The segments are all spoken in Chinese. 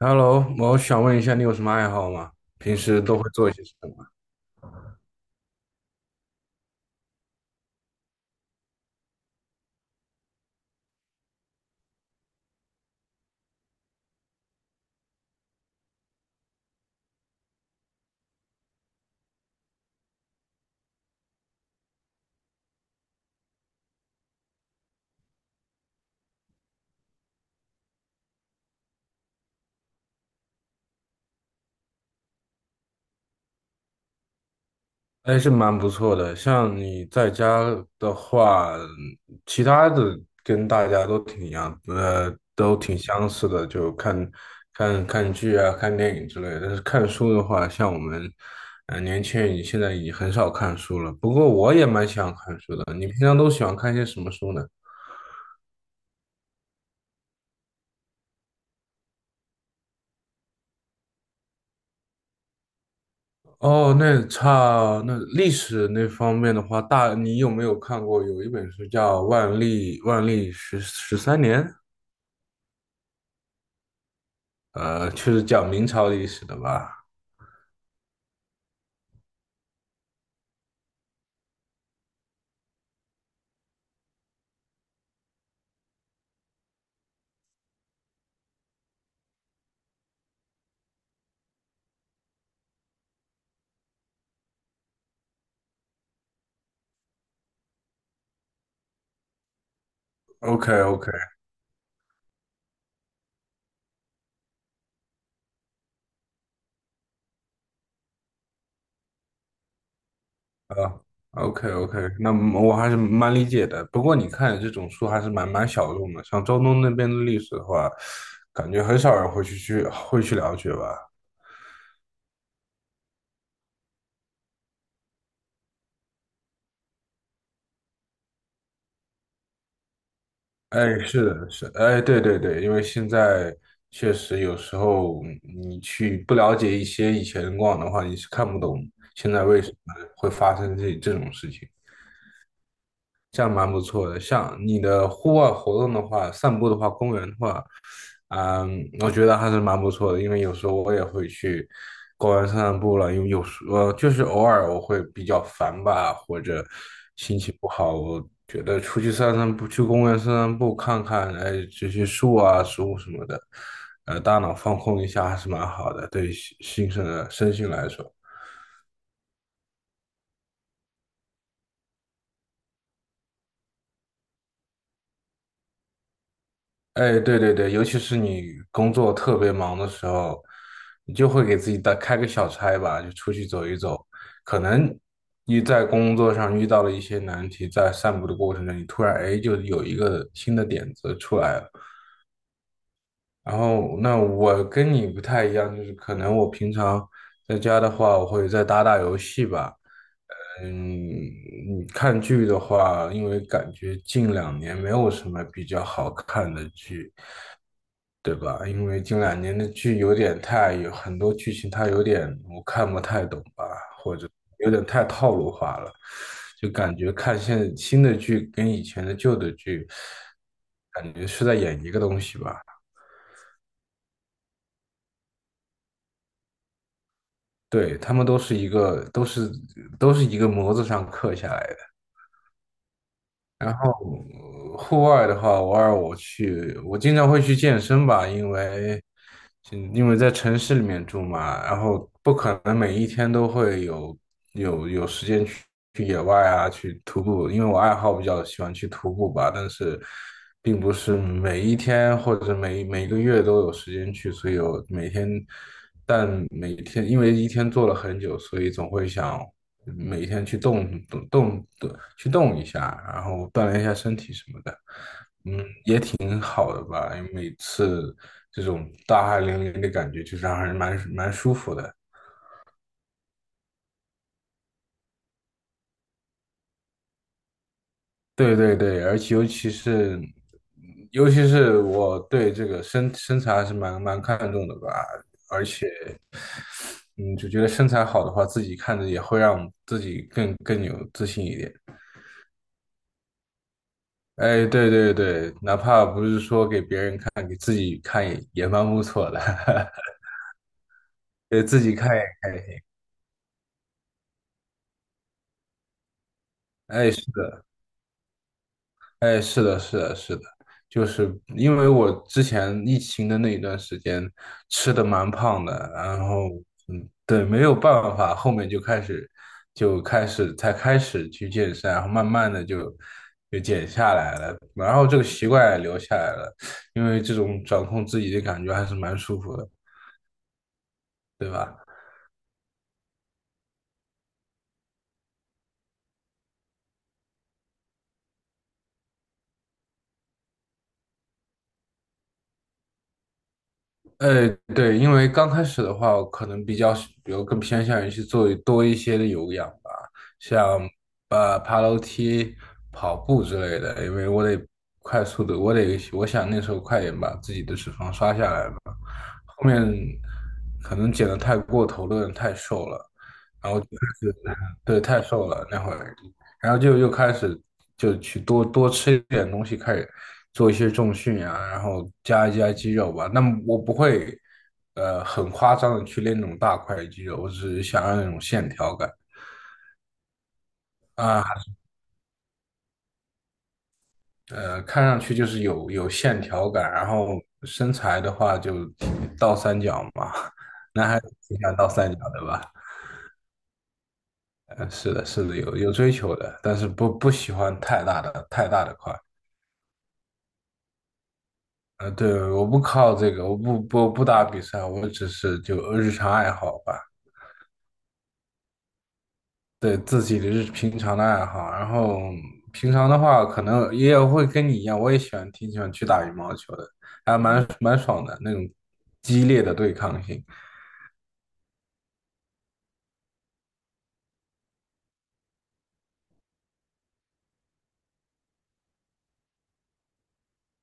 Hello，我想问一下，你有什么爱好吗？平时都会做一些什么？还是蛮不错的。像你在家的话，其他的跟大家都挺一样，都挺相似的，就看看剧啊、看电影之类的。但是看书的话，像我们，年轻人现在已经很少看书了。不过我也蛮喜欢看书的。你平常都喜欢看些什么书呢？哦，那历史那方面的话，大你有没有看过有一本书叫《万历十三年》？就是讲明朝历史的吧？OK OK 啊，OK OK，那么我还是蛮理解的。不过你看这种书还是蛮小众的，像中东那边的历史的话，感觉很少人会去了解吧。哎，是的，是，哎，对对对，因为现在确实有时候你去不了解一些以前的过往的话，你是看不懂现在为什么会发生这种事情。这样蛮不错的。像你的户外活动的话，散步的话，公园的话，嗯，我觉得还是蛮不错的。因为有时候我也会去公园散散步了，因为有时就是偶尔我会比较烦吧，或者心情不好，我觉得出去散散步，去公园散散步，看看哎这些树啊、植物什么的，大脑放空一下还是蛮好的，对于心身的身心来说。哎，对对对，尤其是你工作特别忙的时候，你就会给自己打开个小差吧，就出去走一走。可能你在工作上遇到了一些难题，在散步的过程中，你突然哎就有一个新的点子出来了。然后，那我跟你不太一样，就是可能我平常在家的话，我会再打打游戏吧。嗯，你看剧的话，因为感觉近两年没有什么比较好看的剧。对吧？因为近两年的剧有点太，有很多剧情它有点我看不太懂吧，或者有点太套路化了，就感觉看现在新的剧跟以前的旧的剧，感觉是在演一个东西吧。对，他们都是一个，都是一个模子上刻下来的。然后呃户外的话，偶尔我去，我经常会去健身吧，因为嗯因为在城市里面住嘛，然后不可能每一天都会有有时间去去野外啊，去徒步，因为我爱好比较喜欢去徒步吧，但是并不是每一天或者每个月都有时间去，所以我每天，但每天因为一天做了很久，所以总会想。每天去动动动动去动一下，然后锻炼一下身体什么的，很好的吧？因为每次这种大汗淋漓的感觉，就是让人蛮舒服的。对对对，而且尤其是，尤其是我对这个身材还是蛮看重的吧，嗯，就觉得身材好的话，自己看着也会让自己更有自信一点。哎，对对对，哪怕不是说给别人看，给自己看也也蛮不错的。给自己看一看。哎，是的，哎，是的，是的，是的，就是因为我之前疫情的那一段时间吃的蛮胖的，然后嗯，对，没有办法，后面就开始就开始才开始去健身，然后慢慢的就减下来了，然后这个习惯也留下来了，因为这种掌控自己的感觉还是蛮舒服的，对吧？呃，对，因为刚开始的话，我可能比较喜，比如更偏向于去做多一些的有氧吧，像呃爬楼梯、跑步之类的，因为我得快速的，我想那时候快点把自己的脂肪刷下来嘛。后面可能减的太过头了，有点太瘦了，对，太瘦了那会儿，然后就又开始就去多多吃一点东西，开始做一些重训呀啊，然后加一加肌肉吧。那么我不会，呃，很夸张的去练那种大块的肌肉，我只是想要那种线条感啊，看上去就是有线条感，然后身材的话就倒三角嘛，男孩子挺喜欢倒三角的吧？是的，是的，有追求的，但是不喜欢太大的块。对，我不靠这个，我不打比赛，我只是就日常爱好吧，对自己的平常的爱好。然后平常的话，可能也有会跟你一样，我也喜欢挺喜欢去打羽毛球的，还蛮爽的那种激烈的对抗性。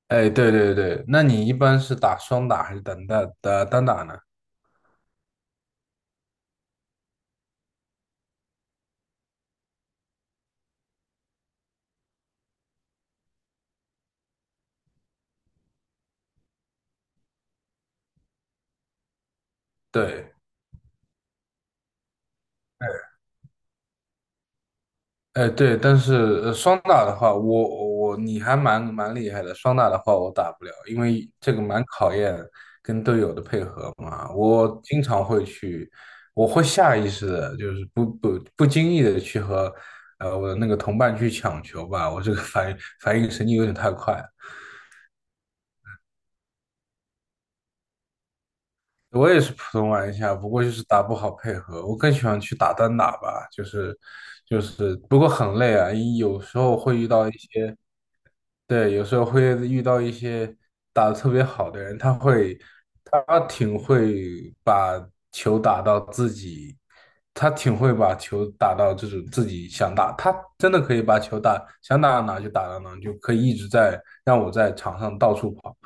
哎，对对对，那你一般是打双打还是单打呢？对。哎，对，但是双打的话，我你还蛮厉害的。双打的话，我打不了，因为这个蛮考验跟队友的配合嘛。我经常会去，我会下意识的，就是不经意的去和呃我的那个同伴去抢球吧。我这个反应神经有点太快了，我也是普通玩家，不过就是打不好配合。我更喜欢去打单打吧，就是不过很累啊。有时候会遇到一些。对，有时候会遇到一些打得特别好的人，他会，他挺会把球打到自己，他挺会把球打到这种自己想打，他真的可以把球打，想打到哪就打到哪，就可以一直在让我在场上到处跑。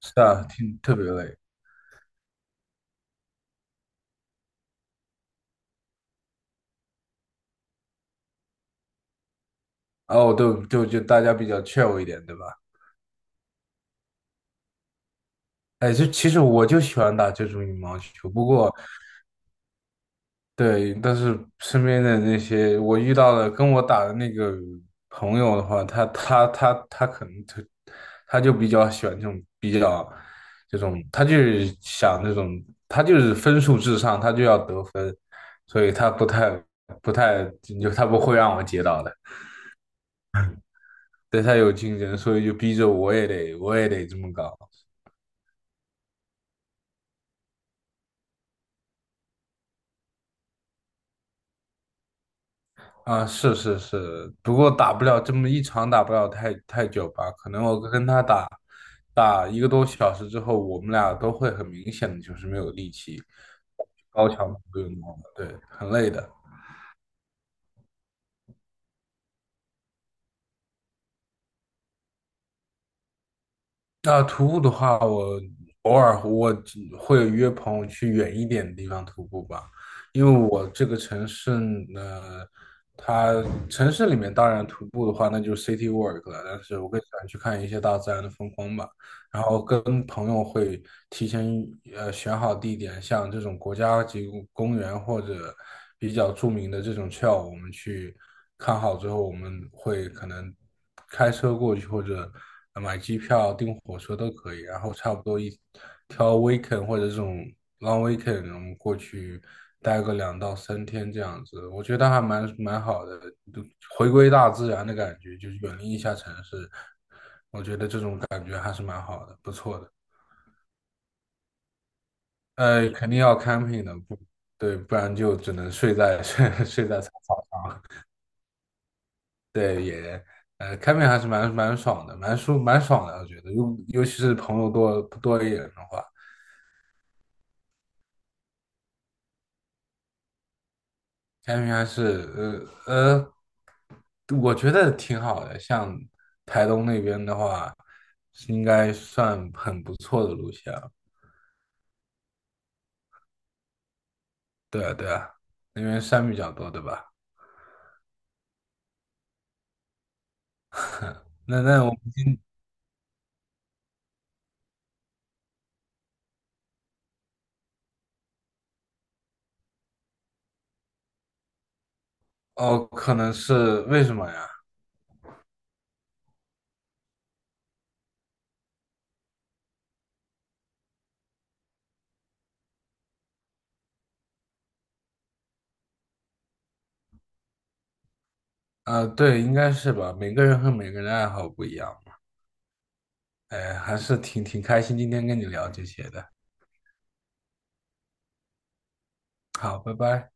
是啊，挺特别累。哦，对，就大家比较 chill 一点，对吧？哎，就其实我就喜欢打这种羽毛球，不过。对，但是身边的那些我遇到的跟我打的那个朋友的话，他可能就他就比较喜欢这种，他就是想这种，他就是分数至上，他就要得分，所以他不太就他不会让我接到的，对他有竞争，所以就逼着我也得这么搞。啊，是是是，不过打不了这么一场，打不了太久吧？可能我跟他打一个多小时之后，我们俩都会很明显的就是没有力气，高强度运动了，对，很累的。那徒步的话，我偶尔只会约朋友去远一点的地方徒步吧，因为我这个城市呢，它城市里面当然徒步的话，那就是 city walk 了，但是我更喜欢去看一些大自然的风光吧。然后跟朋友会提前选好地点，像这种国家级公园或者比较著名的这种 trail，我们去看好之后，我们会可能开车过去或者买机票、订火车都可以，然后差不多一挑 weekend 或者这种 long weekend，我们过去待个两到三天这样子，我觉得还蛮好的，就回归大自然的感觉，就是远离一下城市。我觉得这种感觉还是蛮好的，不错的。肯定要 camping 的，不，对，不然就只能睡在 睡在草对也camping 还是蛮爽的，蛮爽的，我觉得，尤其是朋友多一点的话，camping 还是呃呃，我觉得挺好的。像台东那边的话，是应该算很不错的路线了。对啊，对啊，那边山比较多，对吧？那那我哦，可能是为什么呀？啊，对，应该是吧。每个人和每个人的爱好不一样嘛。哎，还是挺开心，今天跟你聊这些的。好，拜拜。